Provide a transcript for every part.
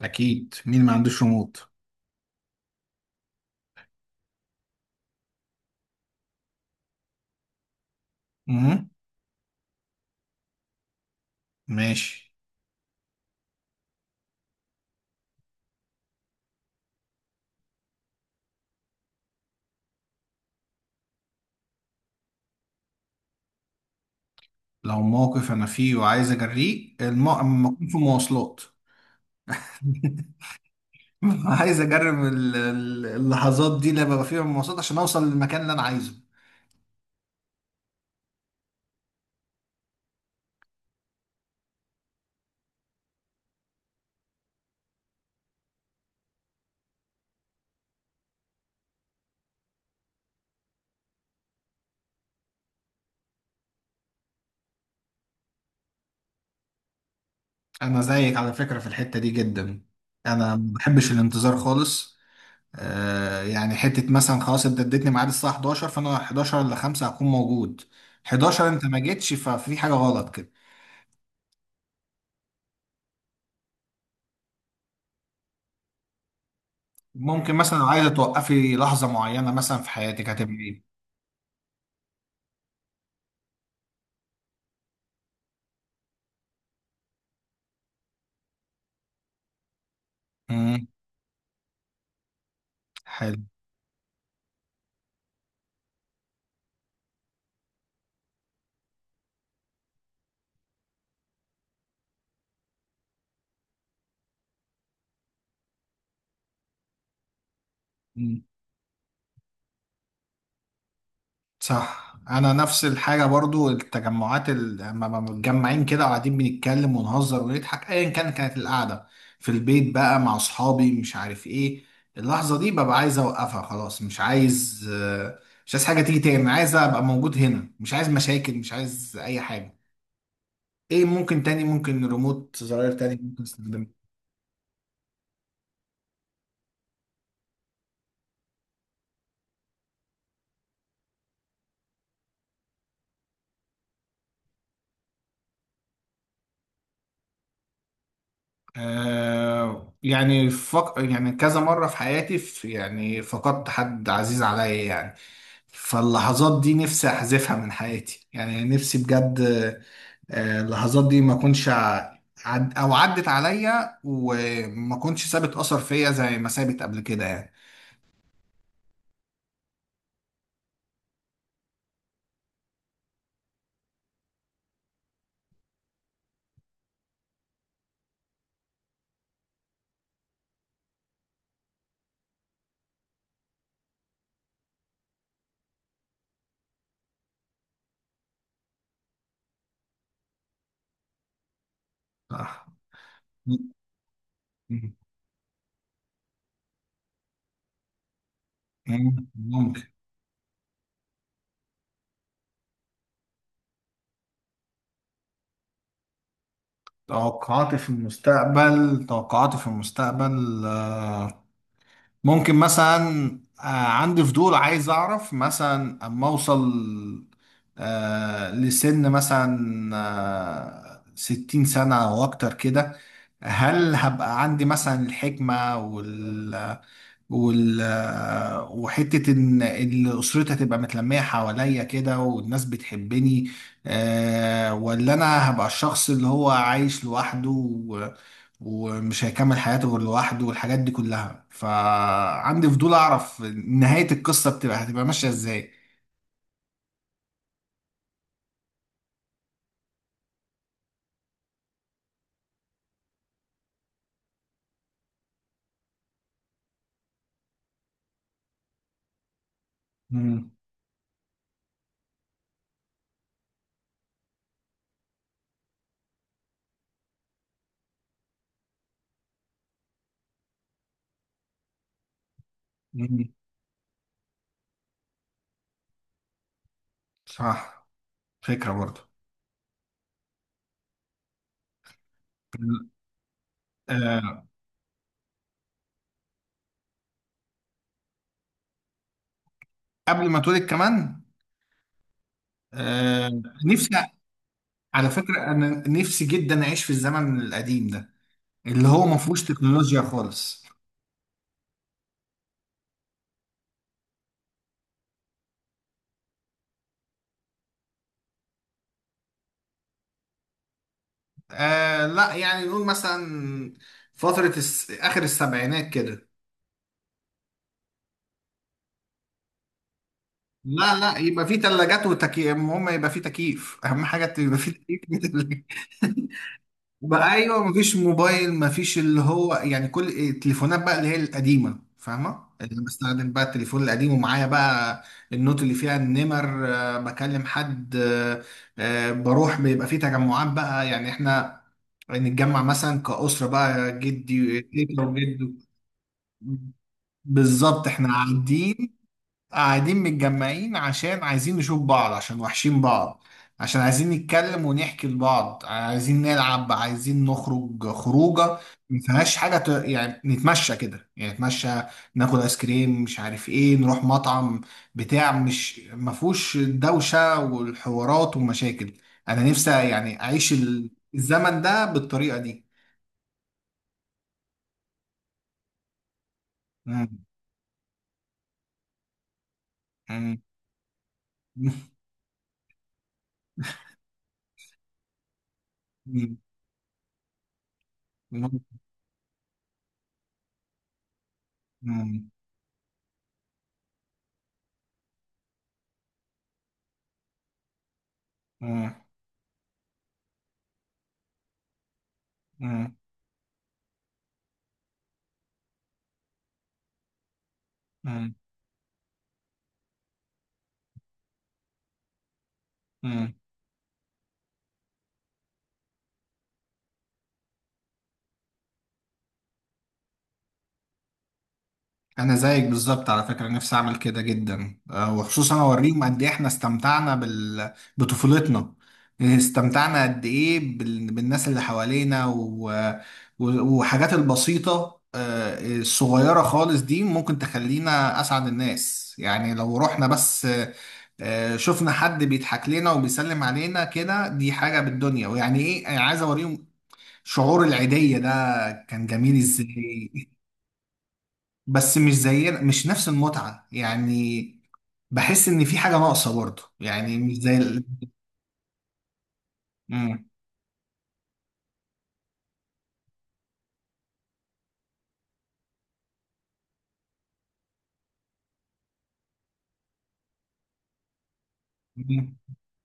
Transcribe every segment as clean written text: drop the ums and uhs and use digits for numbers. اكيد، مين ما عندوش ريموت؟ امم ماشي. لو موقف انا فيه وعايز اجريه، لما اكون في مواصلات. عايز اجرب اللحظات دي اللي ببقى فيها مواصلات عشان اوصل للمكان اللي انا عايزه. انا زيك على فكرة في الحتة دي جدا. انا ما بحبش الانتظار خالص. آه، يعني حتة مثلا خلاص انت اديتني ميعاد الساعة 11، فانا 11 ل 5 هكون موجود. 11 انت ما جيتش، ففي حاجة غلط كده. ممكن مثلا لو عايزة توقفي لحظة معينة مثلا في حياتك هتبقى ايه؟ حلو. مم. صح، انا نفس الحاجه برضو، التجمعات لما متجمعين كده وقاعدين بنتكلم ونهزر ونضحك ايا كان كانت القعده، في البيت بقى مع اصحابي مش عارف ايه. اللحظه دي ببقى عايز اوقفها خلاص، مش عايز. مش عايز حاجه تيجي تاني، عايز ابقى موجود هنا، مش عايز مشاكل، مش عايز اي حاجه. ايه ممكن تاني؟ ممكن ريموت زراير تاني ممكن استخدمها. آه، يعني يعني كذا مرة في حياتي، في يعني، فقدت حد عزيز عليا يعني. فاللحظات دي نفسي أحذفها من حياتي يعني، نفسي بجد. آه، اللحظات دي ما أكونش أو عدت عليا وما أكونش سابت أثر فيا زي ما سابت قبل كده يعني. صح. مم. ممكن. توقعاتي في المستقبل، آه، ممكن مثلا. آه، عندي فضول عايز اعرف مثلا اما اوصل، آه، لسن مثلا، آه، 60 سنة او اكتر كده، هل هبقى عندي مثلا الحكمة؟ وال وحتة إن أسرتي هتبقى متلمية حواليا كده والناس بتحبني؟ آه، ولا أنا هبقى الشخص اللي هو عايش ومش هيكمل حياته غير لوحده، والحاجات دي كلها. فعندي فضول أعرف نهاية القصة بتبقى هتبقى ماشية إزاي. مم. مم. صح. فكرة برضه. آه، قبل ما اتولد كمان. آه، نفسي. على فكرة أنا نفسي جدا أعيش في الزمن القديم ده، اللي هو ما فيهوش تكنولوجيا خالص. آه لا، يعني نقول مثلا فترة آخر السبعينات كده. لا لا، يبقى في تلاجات وتكييف، المهم يبقى في تكييف، أهم حاجة يبقى في تكييف في التلاجة. بقى ايوه، مفيش موبايل، مفيش اللي هو، يعني كل التليفونات بقى اللي هي القديمه فاهمه، اللي بستخدم بقى التليفون القديم، ومعايا بقى النوت اللي فيها النمر، آه، بكلم حد، آه، آه، بروح بيبقى فيه تجمعات بقى. يعني احنا نتجمع مثلا كأسرة بقى، جدي تيتا وجدو. بالظبط احنا قاعدين متجمعين، عشان عايزين نشوف بعض، عشان وحشين بعض، عشان عايزين نتكلم ونحكي لبعض، عايزين نلعب، عايزين نخرج خروجة ما فيهاش حاجة. يعني نتمشى كده، يعني نتمشى، ناكل آيس كريم، مش عارف ايه، نروح مطعم بتاع، مش ما فيهوش الدوشة والحوارات والمشاكل. أنا نفسي يعني أعيش الزمن ده بالطريقة دي. مم. مم. مم. مم. مم. مم. مم. مم. انا زيك بالظبط على فكره، نفسي اعمل كده جدا. آه، وخصوصا اوريهم قد ايه احنا استمتعنا بطفولتنا، استمتعنا قد ايه بالناس اللي حوالينا وحاجات البسيطه، آه، الصغيره خالص دي ممكن تخلينا اسعد الناس يعني، لو رحنا بس، آه، شفنا حد بيضحك لنا وبيسلم علينا كده، دي حاجه بالدنيا. ويعني ايه، أنا عايز اوريهم شعور العيديه ده كان جميل ازاي. بس مش زينا، مش نفس المتعة يعني، بحس ان في حاجة ناقصة برضو، يعني مش زي. مم. مم.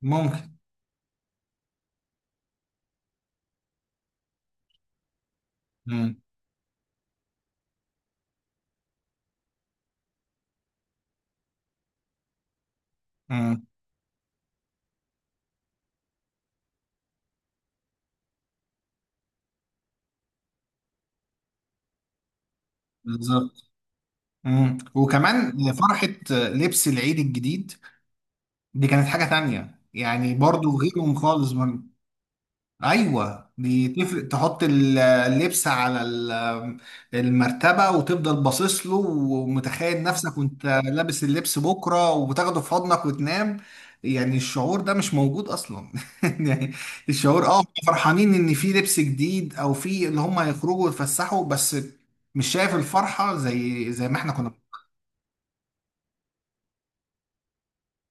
ممكن. مم. مم. بالظبط. مم. وكمان فرحة لبس العيد الجديد، دي كانت حاجة تانية يعني، برضو غيرهم خالص. ايوه دي تفرق، تحط اللبس على المرتبه وتفضل باصص له، ومتخيل نفسك وانت لابس اللبس بكره، وبتاخده في حضنك وتنام. يعني الشعور ده مش موجود اصلا. يعني الشعور، اه هم فرحانين ان في لبس جديد، او في اللي هم هيخرجوا ويتفسحوا بس. مش شايف الفرحه زي ما احنا كنا.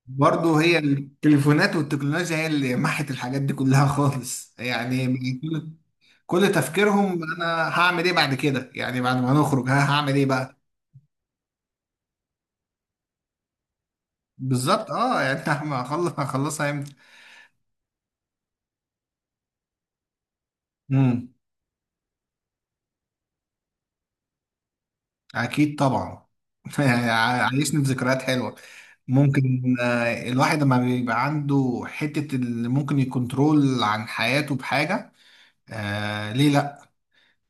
برضه هي التليفونات والتكنولوجيا هي اللي محت الحاجات دي كلها خالص يعني. كل تفكيرهم انا هعمل ايه بعد كده، يعني بعد ما نخرج ها هعمل ايه بقى. بالظبط. اه يعني هخلص هخلصها امتى. امم اكيد طبعا. يعني عايشني بذكريات حلوه. ممكن، آه، الواحد لما بيبقى عنده حته اللي ممكن يكنترول عن حياته بحاجه، آه ليه لا؟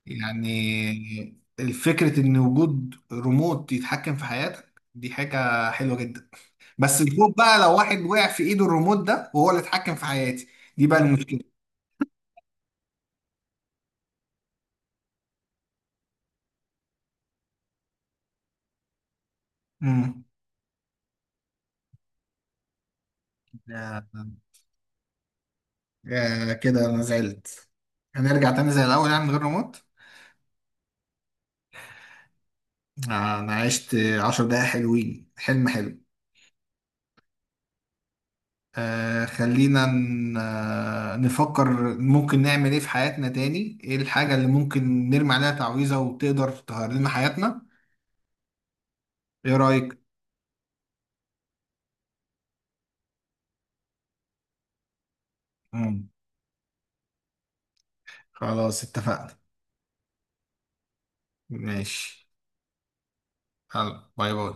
يعني الفكره ان وجود ريموت يتحكم في حياتك، دي حاجه حلوه جدا. بس الخوف بقى لو واحد وقع في ايده الريموت ده وهو اللي اتحكم في حياتي، دي بقى المشكله. امم يا- يا كده انا زعلت. هنرجع تاني زي الاول يعني من غير ريموت. آه، انا عشت 10 دقايق حلوين، حلم حلو. آه، خلينا آه، نفكر ممكن نعمل ايه في حياتنا تاني. ايه الحاجه اللي ممكن نرمي عليها تعويذه وتقدر تغير لنا حياتنا؟ ايه رايك؟ امم خلاص اتفقنا. ماشي. يلا باي باي.